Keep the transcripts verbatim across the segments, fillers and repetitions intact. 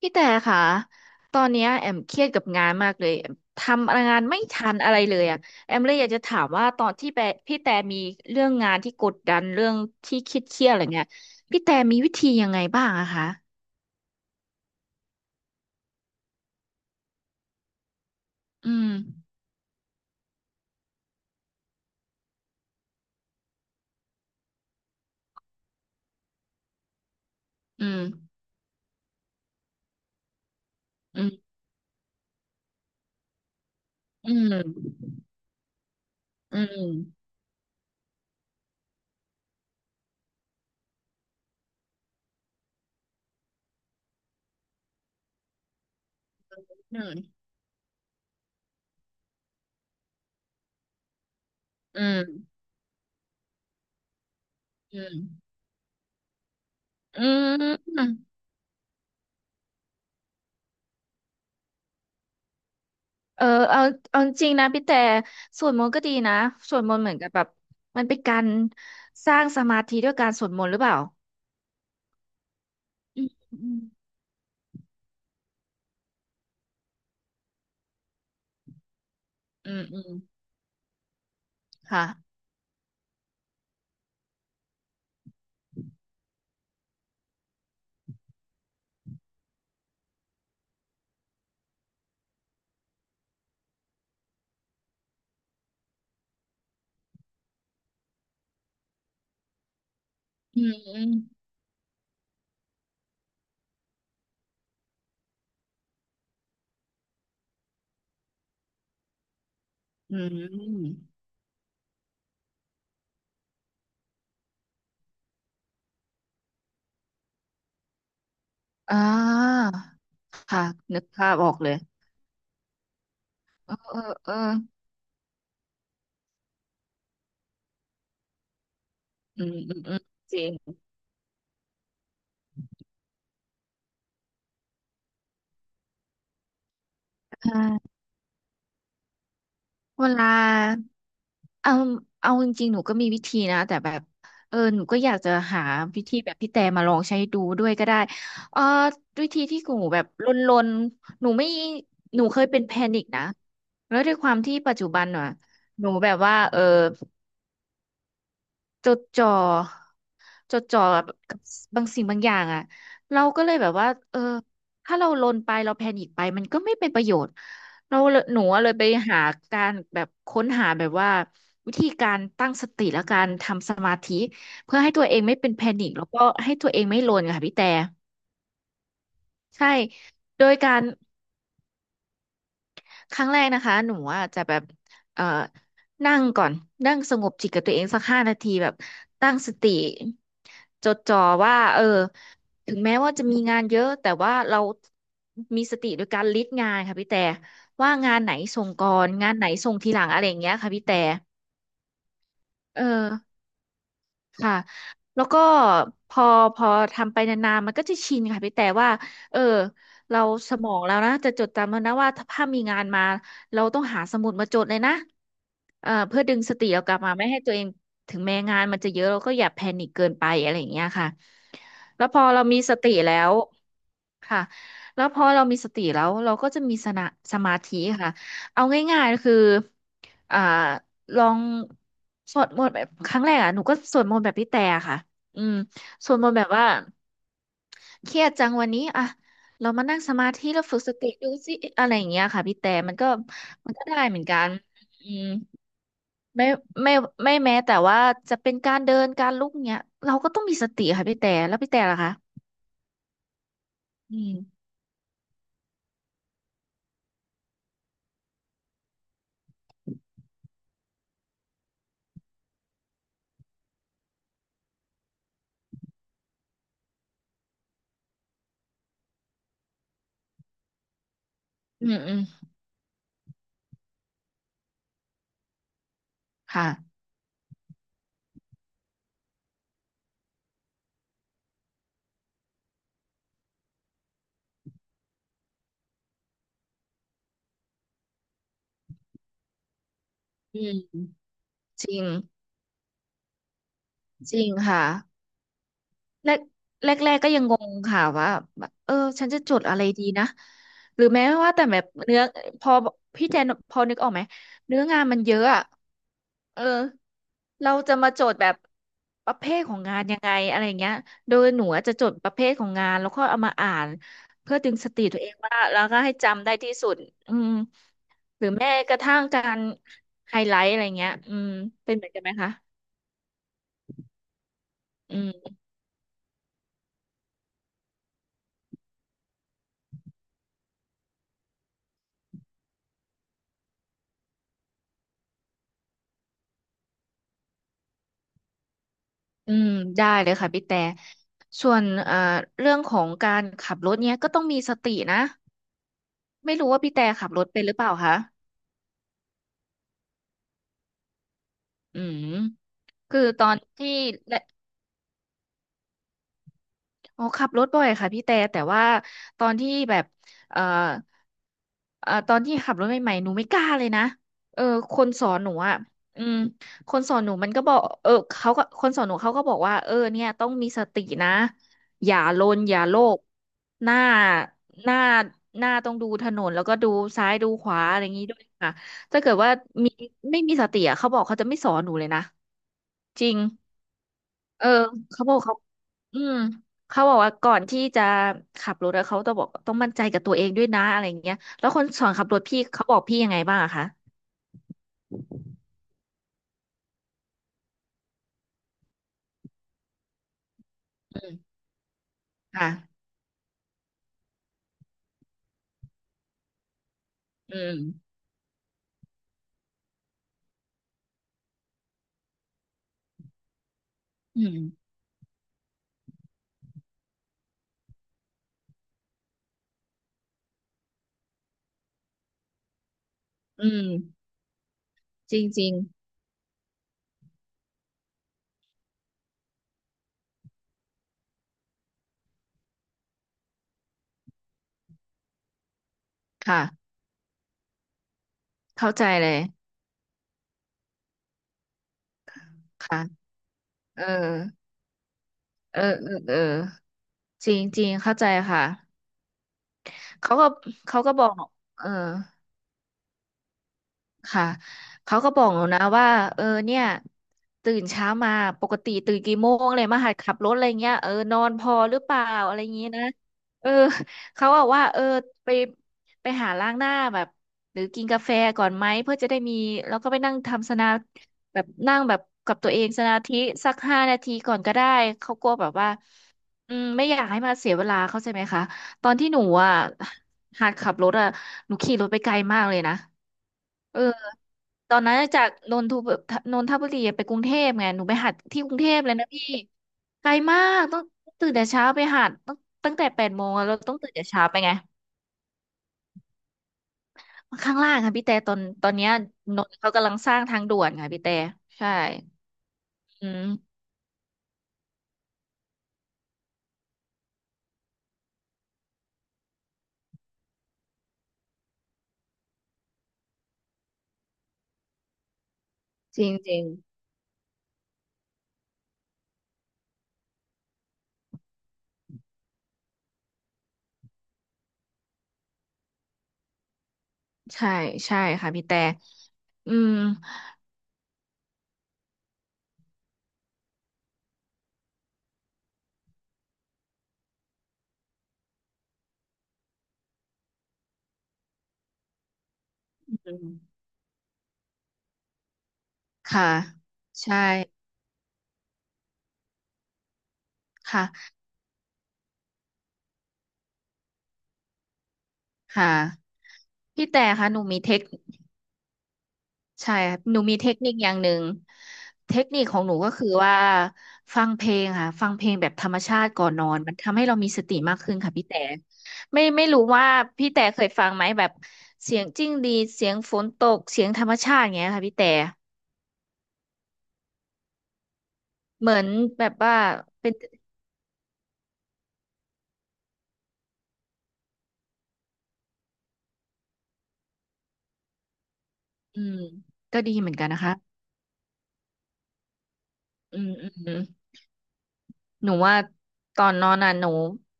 พี่แต่ค่ะตอนเนี้ยแอมเครียดกับงานมากเลยแอมทำงานไม่ทันอะไรเลยอ่ะแอมเลยอยากจะถามว่าตอนที่แปพี่แต่มีเรื่องงานที่กดดันเรื่องที่เครียดเครียดอะไรเงี้ยพี่แต่มีวิธียังไงบ้างอะคะอืมอืมอืมอืมอืมอืมอืมอืมอืมเออเอาเอาจริงนะพี่แต่สวดมนต์ก็ดีนะสวดมนต์เหมือนกับแบบมันเป็นการสร้างสมาธิด้วยการสวดมนต์หรือเปล่าอืม อืมอืมค่ะอืมอืมอ่าค่ะนึกภาพออกเลยเออเอออืมอืมอืมจริงใช่เวลาเอาเอาจริงๆหนูก็มีวิธีนะแต่แบบเออหนูก็อยากจะหาวิธีแบบพี่แต่มาลองใช้ดูด้วยก็ได้เออวิธีที่หนูแบบลนๆหนูไม่หนูเคยเป็นแพนิคนะแล้วด้วยความที่ปัจจุบันอ่ะหนูแบบว่าเออ จดจ่อจดจ่อแบบกับบางสิ่งบางอย่างอ่ะเราก็เลยแบบว่าเออถ้าเราลนไปเราแพนิคไปมันก็ไม่เป็นประโยชน์เราเลยหนูอะเลยไปหาการแบบค้นหาแบบว่าวิธีการตั้งสติและการทำสมาธิเพื่อให้ตัวเองไม่เป็นแพนิคแล้วก็ให้ตัวเองไม่ลนค่ะพี่แต่ใช่โดยการ ครั้งแรกนะคะหนูอาจจะแบบเอ่อนั่งก่อนนั่งสงบจิตกับตัวเองสักห้านาทีแบบตั้งสติจดจ่อว่าเออถึงแม้ว่าจะมีงานเยอะแต่ว่าเรามีสติโดยการลิสต์งานค่ะพี่แต่ว่างานไหนส่งก่อนงานไหนส่งทีหลังอะไรอย่างเงี้ยค่ะพี่แต่เออ ค่ะ แล้วก็พอพอทำไปนานๆมันก็จะชินค่ะพี่แต่ว่า เออ เราสมองแล้วนะจะจดจำแล้วนะว่าถ้ามีงานมา เราต้องหาสมุดมาจดเลยนะเอ่อเพื่อดึงสติเรากลับมาไม่ให้ตัวเองถึงแม้งานมันจะเยอะเราก็อย่าแพนิคเกินไปอะไรอย่างเงี้ยค่ะ แล้วพอเรามีสติแล้ว ค่ะแล้วพอเรามีสติแล้วเราก็จะมีสนะสมาธิค่ะเอาง่ายๆคืออ่าลองสวดมนต์แบบครั้งแรกอ่ะหนูก็สวดมนต์แบบพี่แต่ค่ะอืมสวดมนต์แบบว่าเครียดจังวันนี้อ่ะเรามานั่งสมาธิแล้วฝึกสติดูสิอะไรอย่างเงี้ยค่ะพี่แต่มันก็มันก็ได้เหมือนกันอืมไม่ไม่ไม่แม้แต่ว่าจะเป็นการเดินการลุกเนี้ยเราก็ต้องมีสติค่ะพี่แต่แล้วพี่แต่ล่ะคะอืมอืมอืมค่ะอืม จริงจริงค่ะแรกแรกแรกก็ยังงงค่ะว่าแบบเออฉันจะจดอะไรดีนะหรือแม้ว่าแต่แบบเนื้อพอพี่แจนพอนึกออกไหมเนื้องานมันเยอะอะเออเราจะมาโจดแบบประเภทของงานยังไงอะไรเงี้ยโดยหนูอะจะจดประเภทของงานแล้วก็เอามาอ่านเพื่อดึงสติตัวเองว่าแล้วก็ให้จำได้ที่สุดอืมหรือแม้กระทั่งการไฮไลท์อะไรเงี้ยอืมเป็นเหมือนกันไหมคะอืม อืมได้เลยค่ะพี่แต่ส่วนเอ่อเรื่องของการขับรถเนี้ยก็ต้องมีสตินะไม่รู้ว่าพี่แต่ขับรถเป็นหรือเปล่าคะอืมคือตอนที่ อ๋อขับรถบ่อยค่ะพี่แต่แต่ว่าตอนที่แบบเอ่อเอ่อตอนที่ขับรถใหม่ๆหนูไม่กล้าเลยนะเออคนสอนหนูอ่ะอืมคนสอนหนูมันก็บอกเออเขาก็คนสอนหนูเขาก็บอกว่าเออเนี่ยต้องมีสตินะอย่าลนอย่าโลกหน้าหน้าหน้าต้องดูถนนแล้วก็ดูซ้ายดูขวาอะไรอย่างนี้ด้วยค่ะถ้าเกิดว่ามีไม่มีสติอ่ะเขาบอกเขาจะไม่สอนหนูเลยนะจริง เออเขาบอกเขาอืมเขาบอกว่าก่อนที่จะขับรถอะเขาต้องบอกต้องมั่นใจกับตัวเองด้วยนะอะไรอย่างเงี้ยแล้วคนสอนขับรถพี่เขาบอกพี่ยังไงบ้างอะคะอืมค่ะอืมอืมอืมจริงจริงค่ะเข้าใจเลยค่ะเออเออเออเออจริงจริงเข้าใจค่ะเขาก็เขาก็บอกเออ ค่ะเขาก็บอกหนูนะว่าเออเนี่ยตื่นเช้ามาปกติตื่นกี่โมงเลยมาหัดขับรถอะไรเงี้ยเออนอนพอหรือเปล่าอะไรอย่างงี้นะเออเขาบอกว่าเออไปไปหาล้างหน้าแบบหรือกินกาแฟก่อนไหมเพื่อจะได้มีแล้วก็ไปนั่งทำสนาแบบนั่งแบบกับตัวเองสมาธิสักห้านาทีก่อนก็ได้เขากลัวแบบว่าอืมไม่อยากให้มาเสียเวลาเข้าใจไหมคะตอนที่หนูอ่ะหัดขับรถอ่ะหนูขี่รถไปไกลมากเลยนะเออ ตอนนั้นจากนนทบุนนทบุรีไปกรุงเทพไงหนูไปหัดที่กรุงเทพเลยนะพี่ไกลมากต้องตื่นแต่เช้าไปหัดต้องตั้งแต่แปดโมงอะเราต้องตื่นแต่เช้าไปไงข้างล่างค่ะพี่แต่ตอนตอนเนี้ยนนท์เขากำลังสร้างทางด่วนค่ะพี่แต่ใช่อืมจริงจริงใช่ใช่ค่ะพี่แต่อืมอืมค่ะใช่ค่ะค่ะพี่แต่ค่ะหนูมีเทค ใช่ครับหนูมีเทคนิคอย่างหนึ่งเทคนิคของหนูก็คือว่าฟังเพลงค่ะฟังเพลงแบบธรรมชาติก่อนนอนมันทำให้เรามีสติมากขึ้นค่ะพี่แต่ไม่ไม่รู้ว่าพี่แต่เคยฟังไหมแบบเสียงจิ้งหรีดเสียงฝนตกเสียงธรรมชาติอย่างเงี้ยค่ะพี่แต่เหมือนแบบว่าเป็นอืมก็ดีเหมือนกันนะคะอืมอืม หนูว่าตอนนอนน่ะหนู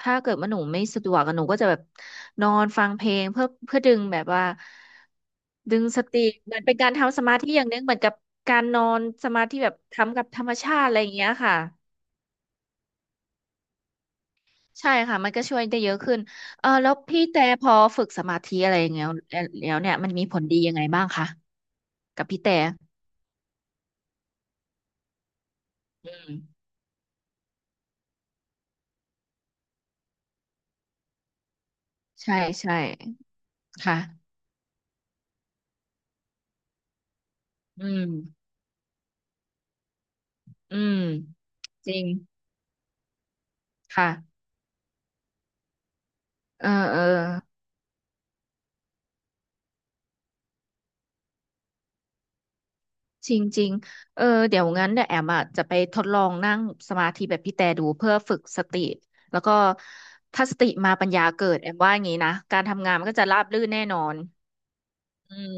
ถ้าเกิดว่าหนูไม่สะดวกอะหนูก็จะแบบนอนฟังเพลงเพื่อเพื่อดึงแบบว่าดึงสติเหมือนเป็นการทำสมาธิอย่างหนึงเหมือนกับการนอนสมาธิแบบทำกับธรรมชาติอะไรอย่างเงี้ยค่ะใช่ค่ะมันก็ช่วยได้เยอะขึ้นเออแล้วพี่แต่พอฝึกสมาธิอะไรอย่างเงี้ยแล้วเนี่ยมันมีผลดียังไงบ้างคะกับพี่แต่อืมใช่ใช่ค่ะอืมอืมจริงค่ะเออเออ จริงๆเออเดี๋ยวงั้นเดี๋ยวแอมอ่ะจะไปทดลองนั่งสมาธิแบบพี่แต่ดูเพื่อฝึกสติแล้วก็ถ้าสติมาปัญญาเกิดแอมว่าอย่างนี้นะการทำงานมันก็จะราบรื่นแน่นอนอืม